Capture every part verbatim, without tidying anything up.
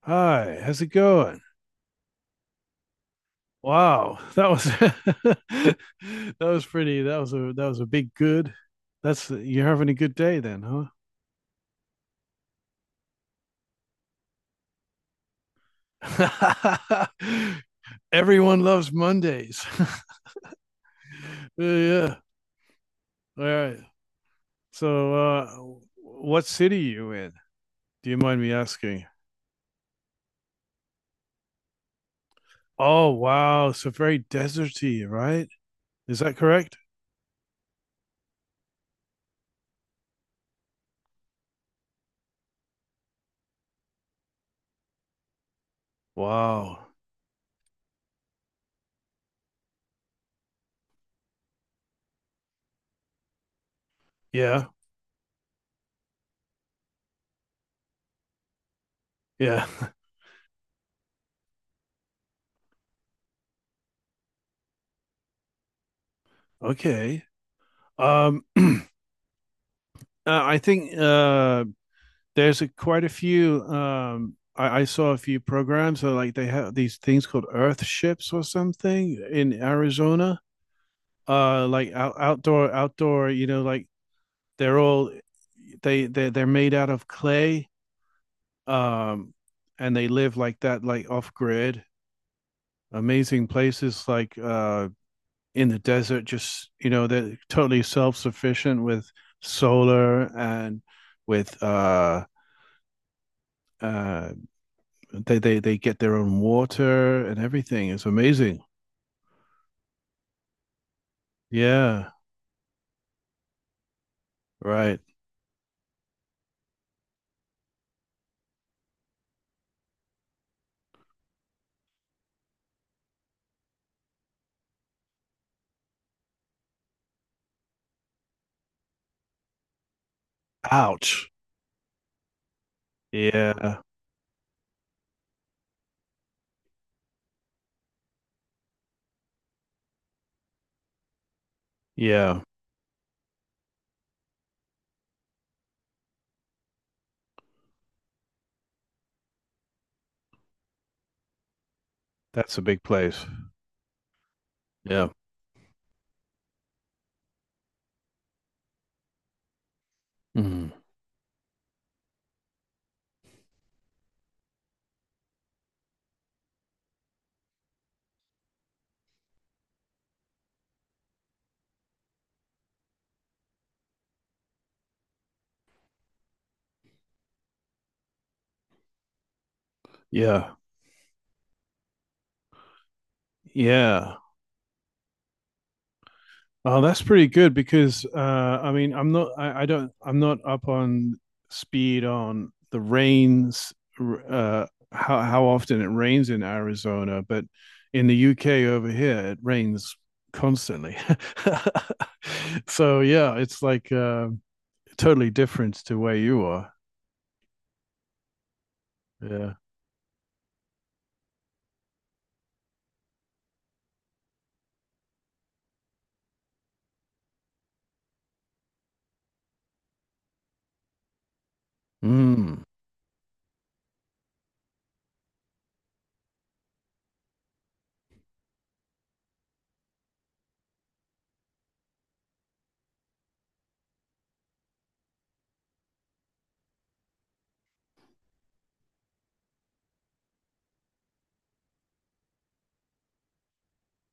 Hi, how's it going? Wow, that was that was pretty. That was a that was a big good. That's you're having a good day then, huh? Everyone loves Mondays. Yeah, yeah. All right. So, uh, what city are you in? Do you mind me asking? Oh, wow. So very deserty, right? Is that correct? Wow. Yeah. Yeah. Okay. Um, uh, I think uh there's a, quite a few. Um, I, I saw a few programs where like they have these things called Earth ships or something in Arizona. Uh, like out, outdoor, outdoor. You know, like they're all they they they're made out of clay. Um, and they live like that, like off grid. Amazing places like uh in the desert, just you know, they're totally self sufficient with solar and with uh uh they they they get their own water and everything. It's amazing. Yeah, right. Ouch. Yeah, yeah. That's a big place. Yeah. Mhm. Yeah. Yeah. Oh, that's pretty good because uh I mean I'm not I, I don't I'm not up on speed on the rains r- uh how how often it rains in Arizona, but in the U K over here it rains constantly. So yeah, it's like uh totally different to where you are. Yeah. Mm.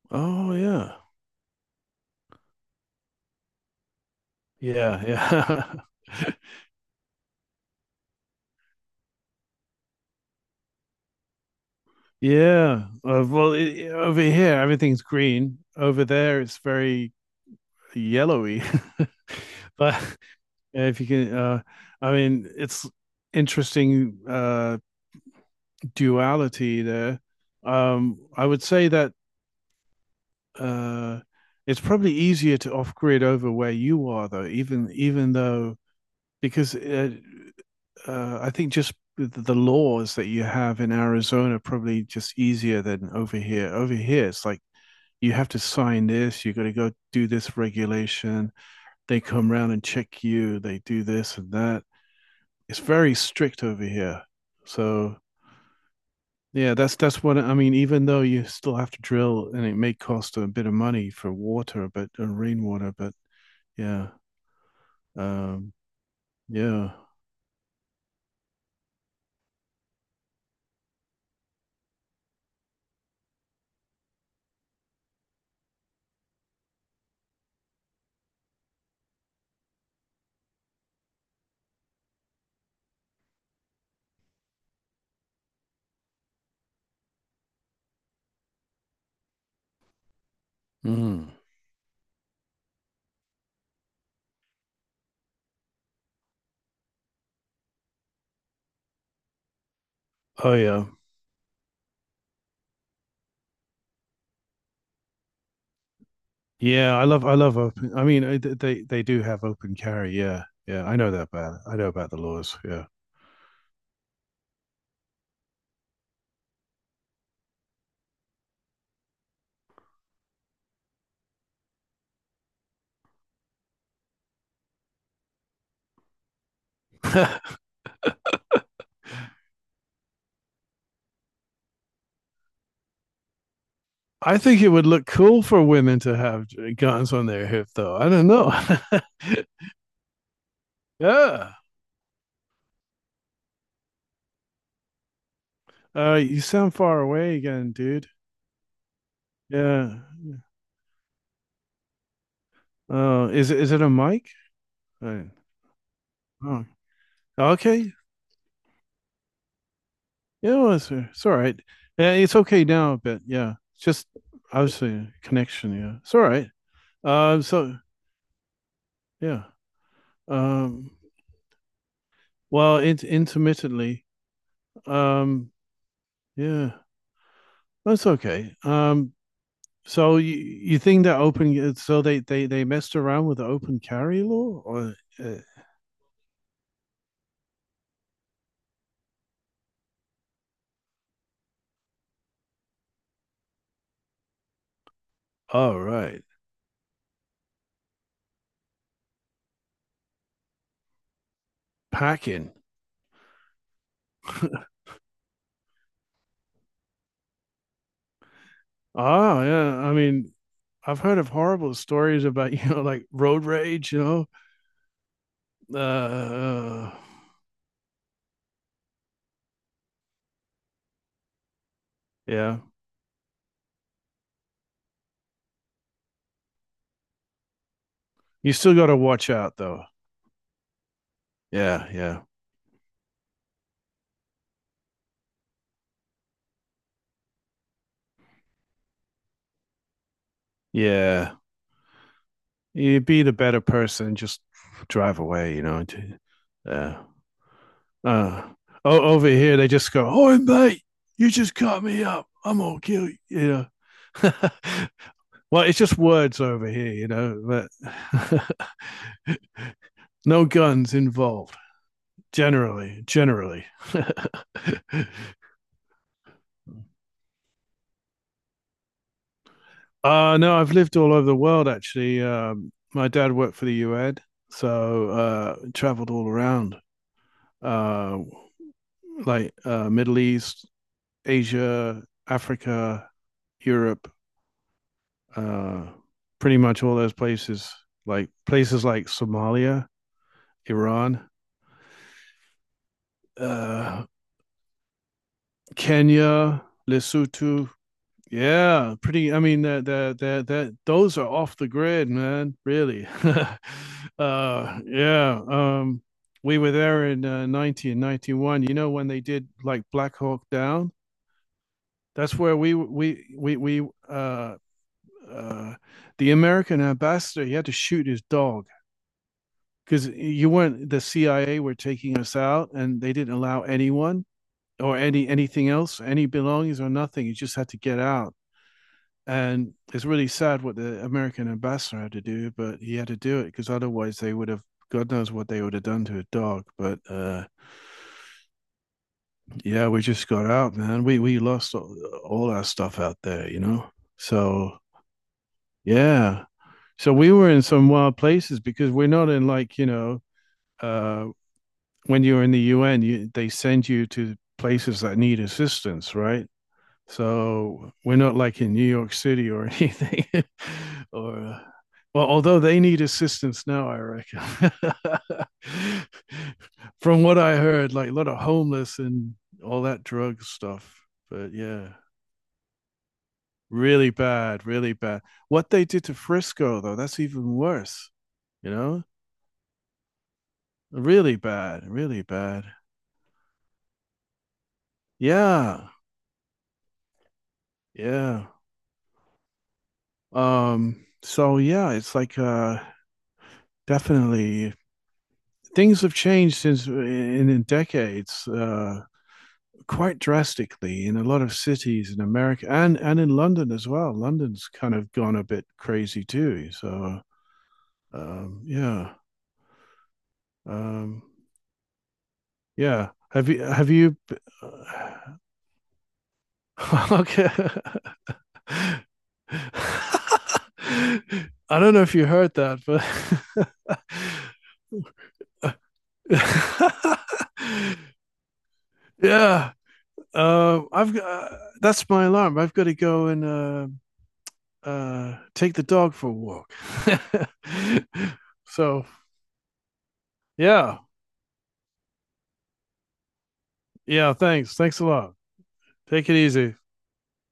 Oh yeah. Yeah. Yeah. Yeah. Uh, well, it, over here everything's green. Over there it's very yellowy. But if you can, uh, I mean, it's interesting uh, duality there. Um, I would say that uh, it's probably easier to off grid over where you are, though. Even even though because uh, uh, I think just the laws that you have in Arizona are probably just easier than over here. Over here, it's like you have to sign this, you got to go do this regulation. They come round and check you, they do this and that. It's very strict over here. So yeah, that's that's what I mean. Even though you still have to drill, and it may cost a bit of money for water, but uh, rainwater, but yeah, um, yeah. Mm. Oh yeah, yeah, I love I love open. I mean, uh, th- they they do have open carry. Yeah, yeah, I know that about. I know about the laws. Yeah, I think it would look cool for women to have guns on their hip, though. I don't know. Yeah. Uh, you sound far away again, dude. Yeah. Uh, is it is it a mic? Uh, Oh, okay. Yeah, well, it's, it's all right. Yeah, it's okay now a bit. Yeah, it's just obviously a connection. Yeah, it's all right. Um, so yeah. Um, Well, it intermittently. Um, yeah, that's okay. Um, so you you think that open? So they they they messed around with the open carry law, or uh, oh right, packing. Ah, yeah, I mean, I've heard of horrible stories about you know like road rage. You know, uh, uh, yeah. You still got to watch out though. Yeah, yeah, yeah. You be the better person. Just drive away. You know. Yeah. Uh, o- over here, they just go, "Oh, mate, you just cut me up. I'm gonna kill you." You know. Well, it's just words over here, you know, but no guns involved. Generally, generally. Uh, no, I've lived all over the world actually. Um, my dad worked for the U N, so uh, traveled all around, uh, like uh, Middle East, Asia, Africa, Europe, uh, pretty much all those places, like places like Somalia, Iran, uh, Kenya, Lesotho. Yeah, pretty. I mean, that that that that those are off the grid, man. Really. uh, yeah. Um, we were there in uh, nineteen ninety-one. You know when they did like Black Hawk Down. That's where we we we we uh, uh, the American ambassador he had to shoot his dog because you weren't the C I A were taking us out, and they didn't allow anyone or any anything else, any belongings or nothing. You just had to get out, and it's really sad what the American ambassador had to do, but he had to do it because otherwise they would have. God knows what they would have done to a dog, but uh, yeah, we just got out, man. We we lost all, all our stuff out there, you know. So yeah, so we were in some wild places because we're not in like you know uh, when you're in the U N, you, they send you to places that need assistance, right? So we're not like in New York City or anything, or uh, well, although they need assistance now, I reckon. From what I heard, like a lot of homeless and all that drug stuff. But yeah, really bad, really bad. What they did to Frisco, though, that's even worse, you know? Really bad, really bad. Yeah, yeah. Um, so yeah, it's like uh, definitely things have changed since uh, in, in decades, uh, quite drastically in a lot of cities in America and and in London as well. London's kind of gone a bit crazy too. So um, yeah, um, yeah. Have you have you? Okay. I don't know if you heard that, but yeah. Um, I've got uh, that's my alarm. I've got to go and uh, uh, take the dog for a walk. So yeah, yeah. Thanks, thanks a lot. Take it easy.